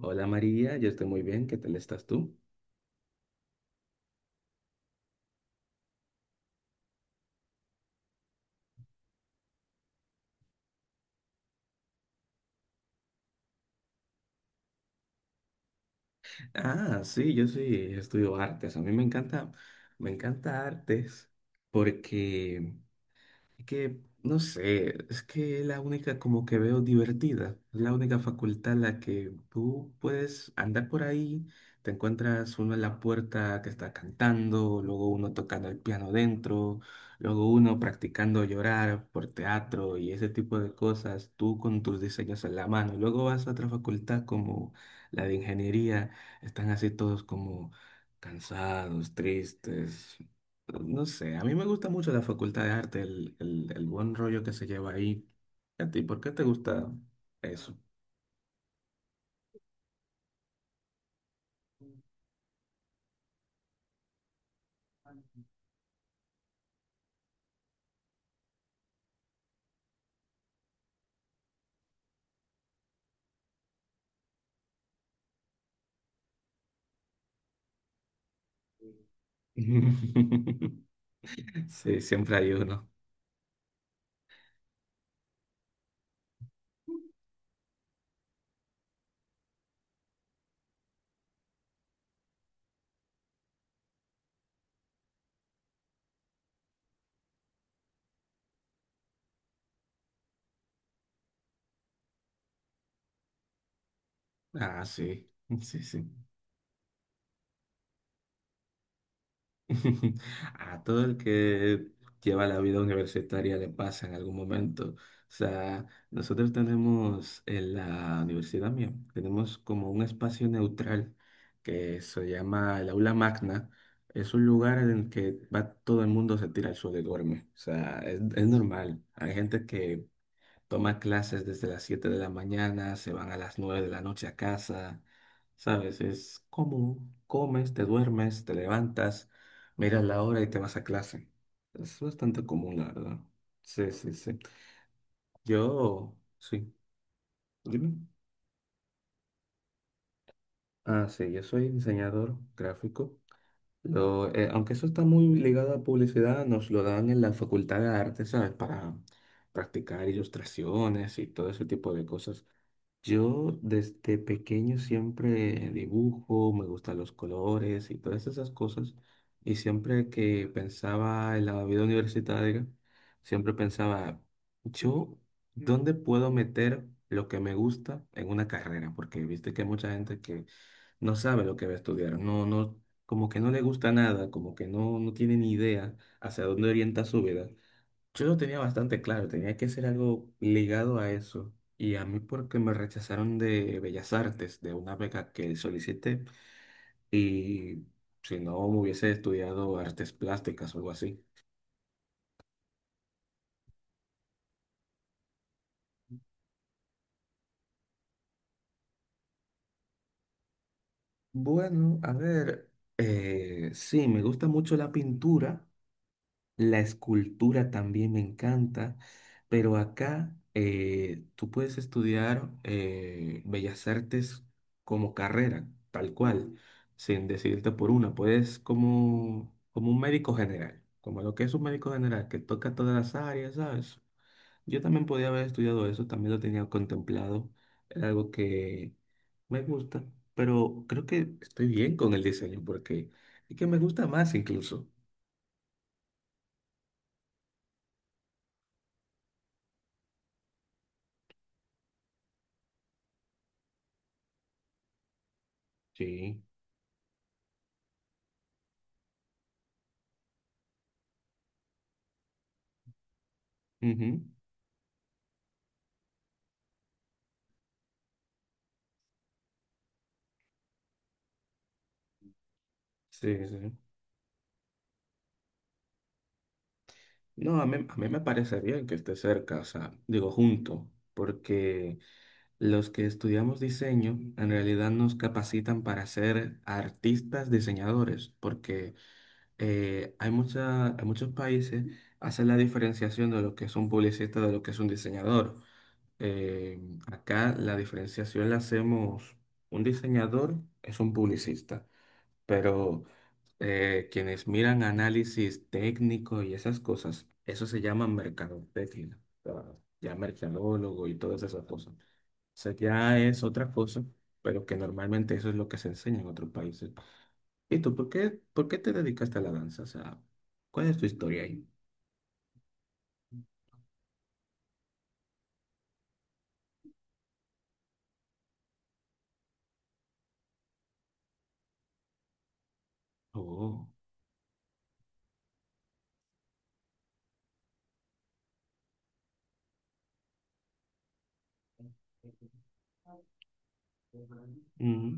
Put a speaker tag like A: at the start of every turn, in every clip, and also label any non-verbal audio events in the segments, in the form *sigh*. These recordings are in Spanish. A: Hola María, yo estoy muy bien, ¿qué tal estás tú? Ah, sí, yo sí estudio artes, a mí me encanta artes porque que, no sé, es que es la única como que veo divertida, es la única facultad en la que tú puedes andar por ahí, te encuentras uno en la puerta que está cantando, luego uno tocando el piano dentro, luego uno practicando llorar por teatro y ese tipo de cosas, tú con tus diseños en la mano, y luego vas a otra facultad como la de ingeniería, están así todos como cansados, tristes, no sé, a mí me gusta mucho la Facultad de Arte, el buen rollo que se lleva ahí. ¿A ti por qué te gusta eso? *laughs* Sí, siempre hay uno. Ah, sí, sí, sí. *laughs* A todo el que lleva la vida universitaria le pasa en algún momento. O sea, nosotros tenemos en la universidad mía, tenemos como un espacio neutral que se llama el aula magna. Es un lugar en el que va todo el mundo se tira al suelo y duerme. O sea, es normal. Hay gente que toma clases desde las 7 de la mañana, se van a las 9 de la noche a casa, ¿sabes? Es como comes, te duermes, te levantas, miras la hora y te vas a clase. Es bastante común, la verdad. Sí, sí, sí. Yo, sí, dime. Ah, sí, yo soy diseñador gráfico. Aunque eso está muy ligado a publicidad, nos lo dan en la Facultad de Arte, ¿sabes? Para practicar ilustraciones y todo ese tipo de cosas. Yo desde pequeño siempre dibujo, me gustan los colores y todas esas cosas. Y siempre que pensaba en la vida universitaria, siempre pensaba, yo, ¿dónde puedo meter lo que me gusta en una carrera? Porque viste que hay mucha gente que no sabe lo que va a estudiar, no, no, como que no le gusta nada, como que no, no tiene ni idea hacia dónde orienta su vida. Yo lo tenía bastante claro, tenía que ser algo ligado a eso. Y a mí porque me rechazaron de Bellas Artes, de una beca que solicité, y si no hubiese estudiado artes plásticas o algo así. Bueno, a ver, sí, me gusta mucho la pintura, la escultura también me encanta, pero acá tú puedes estudiar bellas artes como carrera, tal cual, sin decidirte por una. Puedes como, como un médico general, como lo que es un médico general, que toca todas las áreas, ¿sabes? Yo también podía haber estudiado eso, también lo tenía contemplado, era algo que me gusta, pero creo que estoy bien con el diseño porque es que me gusta más incluso. Sí. Ujú. Sí, sí, sí. No, a mí me parece bien que esté cerca, o sea, digo junto, porque los que estudiamos diseño en realidad nos capacitan para ser artistas diseñadores, porque en muchos países hacen la diferenciación de lo que es un publicista de lo que es un diseñador. Eh, acá la diferenciación la hacemos, un diseñador es un publicista. Pero quienes miran análisis técnico y esas cosas, eso se llama mercadotecnia, o sea, ya mercadólogo y todas esas cosas. O sea, ya es otra cosa, pero que normalmente eso es lo que se enseña en otros países. ¿Y tú por qué te dedicaste a la danza? O sea, ¿cuál es tu historia ahí? Oh, ujú,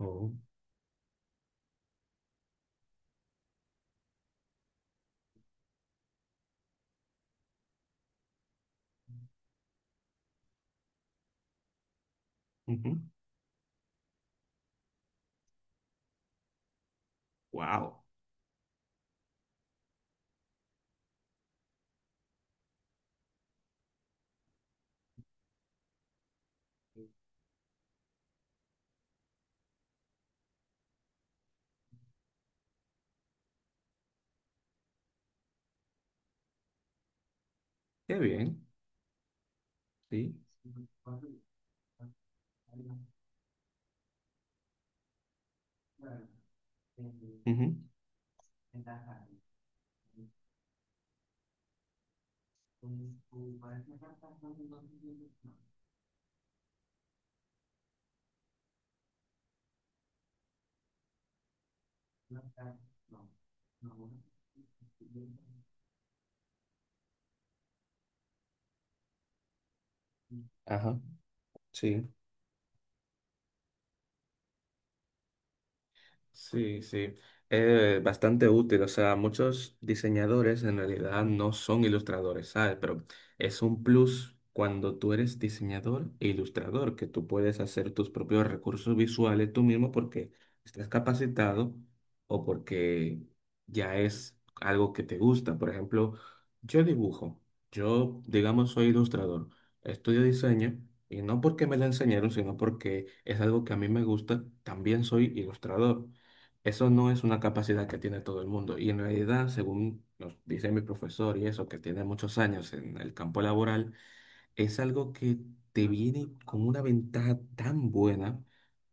A: oh, ujú. Wow, qué bien, sí. Ujú. Ventaja, ¿no? Entonces, como para esa carta son 2 millones, no, no, está- no, no, bueno, sí, sí, sí, sí, ajá, sí. Sí, sí. Es bastante útil. O sea, muchos diseñadores en realidad no son ilustradores, ¿sabes? Pero es un plus cuando tú eres diseñador e ilustrador, que tú puedes hacer tus propios recursos visuales tú mismo porque estás capacitado o porque ya es algo que te gusta. Por ejemplo, yo dibujo. Yo, digamos, soy ilustrador. Estudio diseño. Y no porque me lo enseñaron, sino porque es algo que a mí me gusta. También soy ilustrador. Eso no es una capacidad que tiene todo el mundo. Y en realidad, según nos dice mi profesor y eso, que tiene muchos años en el campo laboral, es algo que te viene con una ventaja tan buena,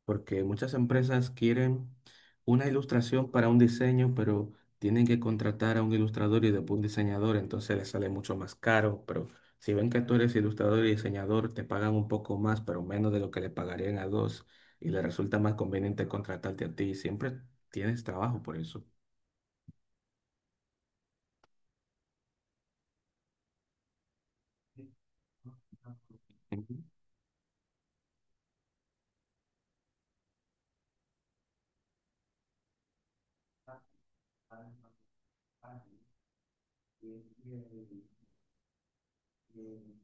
A: porque muchas empresas quieren una ilustración para un diseño, pero tienen que contratar a un ilustrador y después un diseñador, entonces les sale mucho más caro, pero si ven que tú eres ilustrador y diseñador, te pagan un poco más, pero menos de lo que le pagarían a dos, y les resulta más conveniente contratarte a ti, y siempre tienes trabajo por eso. Ujú.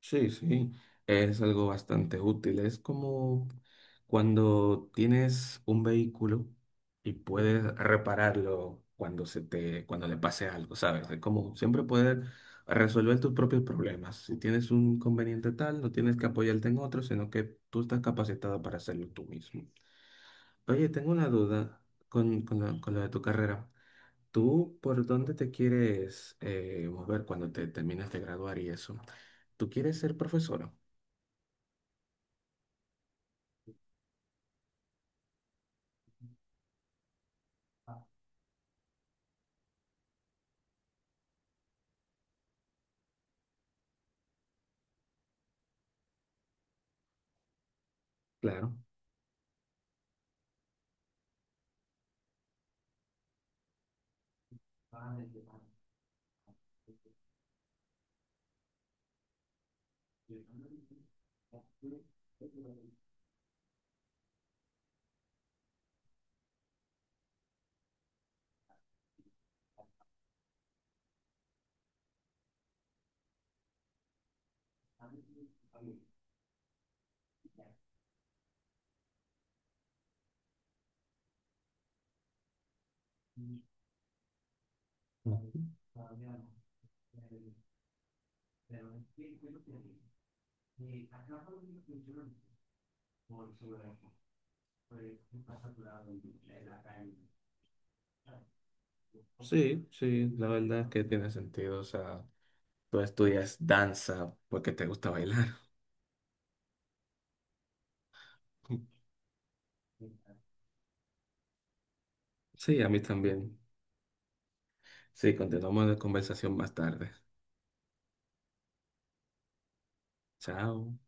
A: Sí, sí, es algo bastante útil. Es como cuando tienes un vehículo y puedes repararlo cuando se te, cuando le pase algo, ¿sabes? Es como siempre poder resolver tus propios problemas. Si tienes un conveniente tal, no tienes que apoyarte en otro, sino que tú estás capacitado para hacerlo tú mismo. Oye, tengo una duda con lo de tu carrera. ¿Tú por dónde te quieres mover cuando te terminas de graduar y eso? ¿Tú quieres ser profesora? Claro. Sí, sí, la verdad es que tiene sentido. O sea, tú estudias danza porque te gusta bailar. *laughs* Sí, a mí también. Sí, continuamos la conversación más tarde. Chao.